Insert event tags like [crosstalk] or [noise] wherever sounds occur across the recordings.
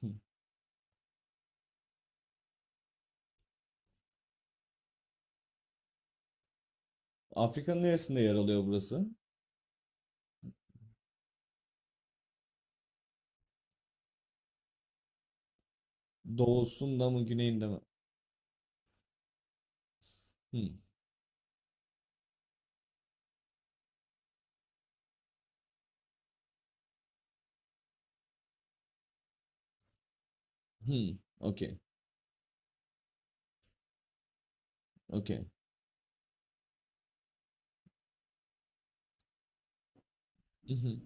Hı. Afrika'nın neresinde yer alıyor burası? Doğusunda mı, güneyinde mi? Hmm. Hmm. Okey. Okey. Mhm.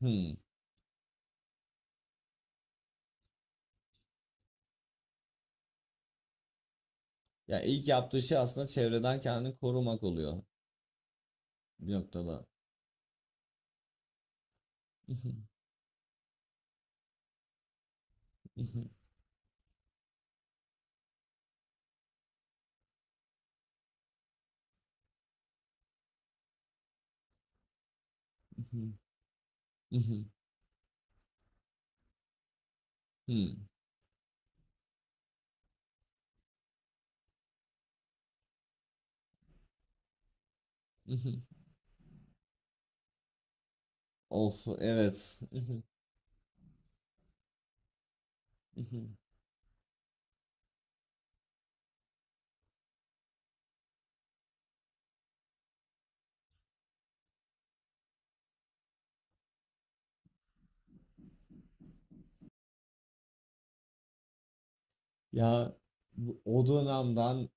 Hmm. Ya ilk yaptığı şey aslında çevreden kendini korumak oluyor bir noktada. Mhm. Mhm. Mhm. Mhm. Hmm. Mhm. Of evet. Mhm. Mhm. Ya o dönemden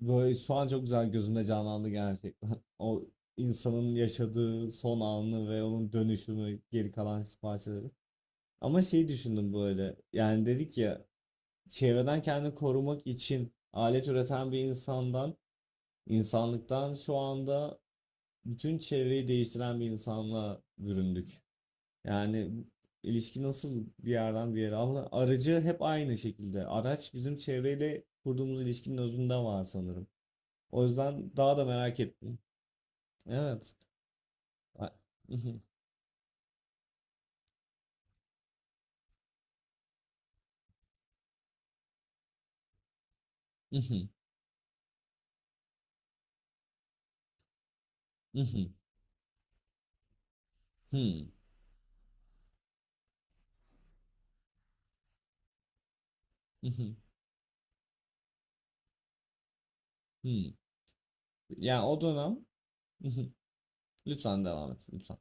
böyle şu an çok güzel gözümde canlandı gerçekten. [laughs] O insanın yaşadığı son anı ve onun dönüşümü geri kalan parçaları. Ama şey düşündüm böyle. Yani dedik ya, çevreden kendini korumak için alet üreten bir insandan, insanlıktan şu anda bütün çevreyi değiştiren bir insanla büründük. Yani ilişki nasıl bir yerden bir yere, ama aracı hep aynı şekilde. Araç bizim çevreyle kurduğumuz ilişkinin özünde var sanırım. O yüzden daha da merak ettim. Evet. A- [laughs] Yani o dönem [laughs] lütfen devam et. Lütfen.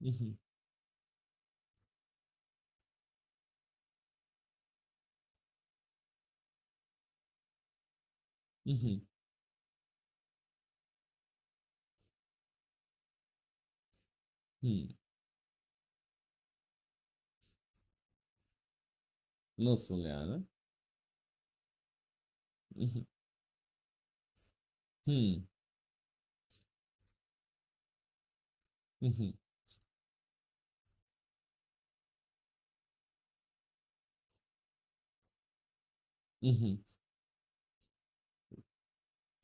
[laughs] Nasıl yani? [laughs]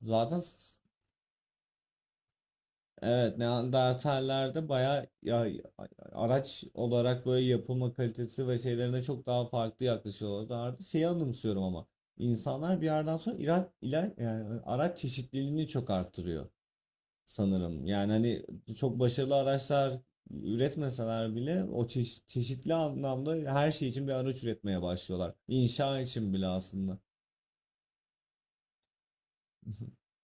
Zaten s- evet, Neandertallerde bayağı ya, araç olarak böyle yapılma kalitesi ve şeylerine çok daha farklı yaklaşıyorlardı. Şeyi anımsıyorum ama insanlar bir yerden sonra yani araç çeşitliliğini çok arttırıyor sanırım. Yani hani çok başarılı araçlar üretmeseler bile o çeşitli anlamda her şey için bir araç üretmeye başlıyorlar. İnşa için bile aslında. [laughs]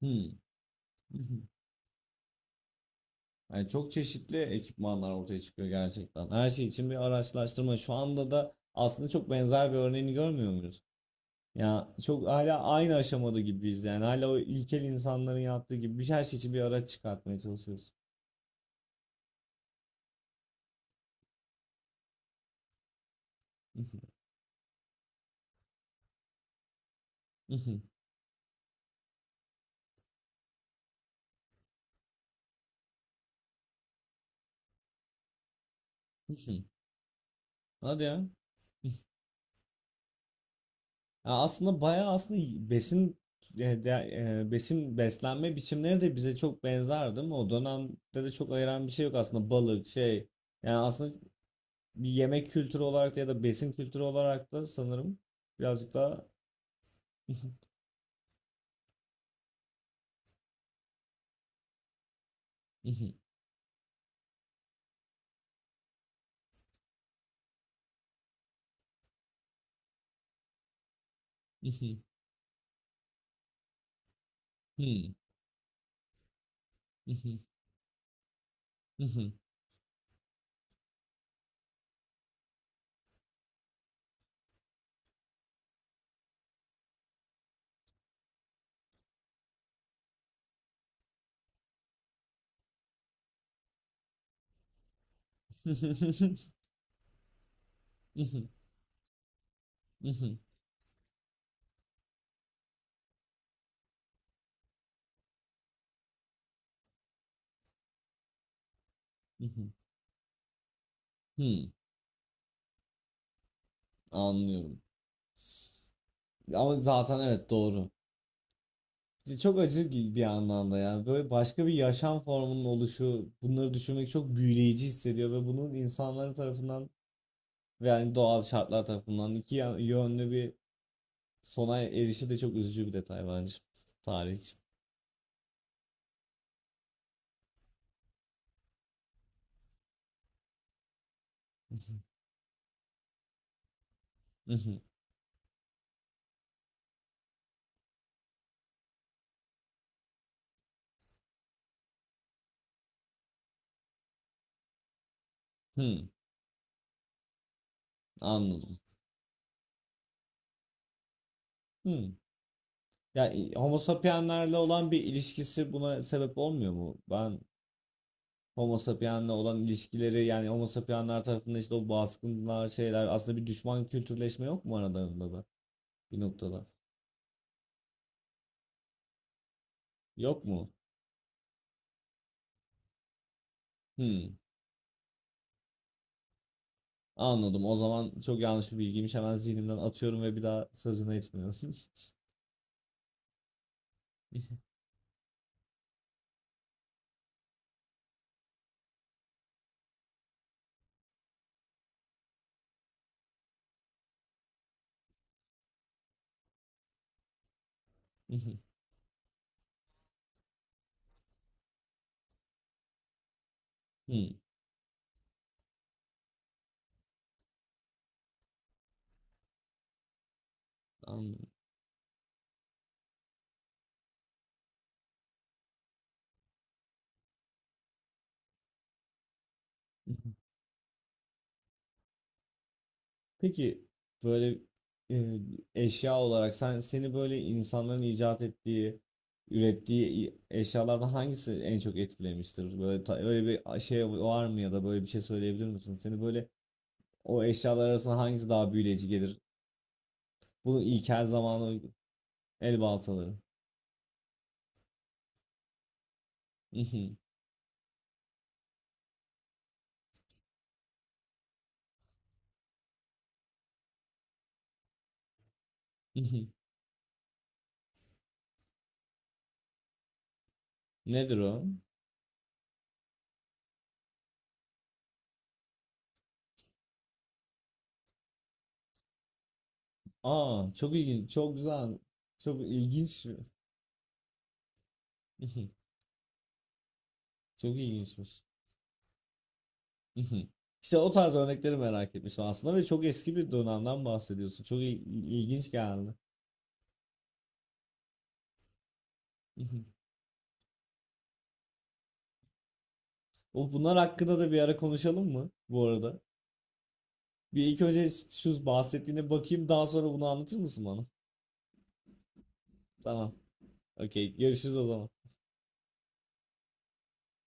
Hmm. Yani çok çeşitli ekipmanlar ortaya çıkıyor gerçekten. Her şey için bir araçlaştırma. Şu anda da aslında çok benzer bir örneğini görmüyor muyuz? Ya çok hala aynı aşamada gibiyiz yani. Hala o ilkel insanların yaptığı gibi bir her şey için bir araç çıkartmaya çalışıyoruz. [laughs] Hadi ya. Ya aslında bayağı aslında besin besin beslenme biçimleri de bize çok benzer değil mi? O dönemde de çok ayıran bir şey yok aslında, balık şey. Yani aslında bir yemek kültürü olarak da ya da besin kültürü olarak da sanırım birazcık daha [laughs] anlıyorum. Ama zaten evet doğru. Bir anlamda ya. Böyle başka bir yaşam formunun oluşu, bunları düşünmek çok büyüleyici hissediyor ve bunun insanlar tarafından ve yani doğal şartlar tarafından yönlü bir sona erişi de çok üzücü bir detay bence. Tarih için. Mhm. Hmm, anladım. Hmm. Homo sapienslerle olan bir ilişkisi buna sebep olmuyor mu? Ben Homo sapiensle olan ilişkileri, yani Homo sapiensler tarafından, işte o baskınlar şeyler, aslında bir düşman kültürleşme yok mu aralarında da bir noktada? Yok mu? Hmm, anladım. O zaman çok yanlış bir bilgiymiş. Hemen zihnimden atıyorum ve bir daha sözüne etmiyorum. [laughs] Hmm, anladım. Peki böyle e, eşya olarak sen seni böyle insanların icat ettiği, ürettiği eşyalardan hangisi en çok etkilemiştir? Böyle öyle bir şey var mı, ya da böyle bir şey söyleyebilir misin? Seni böyle o eşyalar arasında hangisi daha büyüleyici gelir? Bunun ilkel zamanı el baltaları. [laughs] Nedir o? Aa, çok ilginç, çok güzel, çok ilginç. [laughs] Çok ilginçmiş. [laughs] İşte o tarz örnekleri merak etmiştim aslında ve çok eski bir dönemden bahsediyorsun. İlginç geldi. [laughs] O bunlar hakkında da bir ara konuşalım mı bu arada? Bir ilk önce şu bahsettiğine bakayım, daha sonra bunu anlatır mısın bana? Tamam. Okey. Görüşürüz o zaman.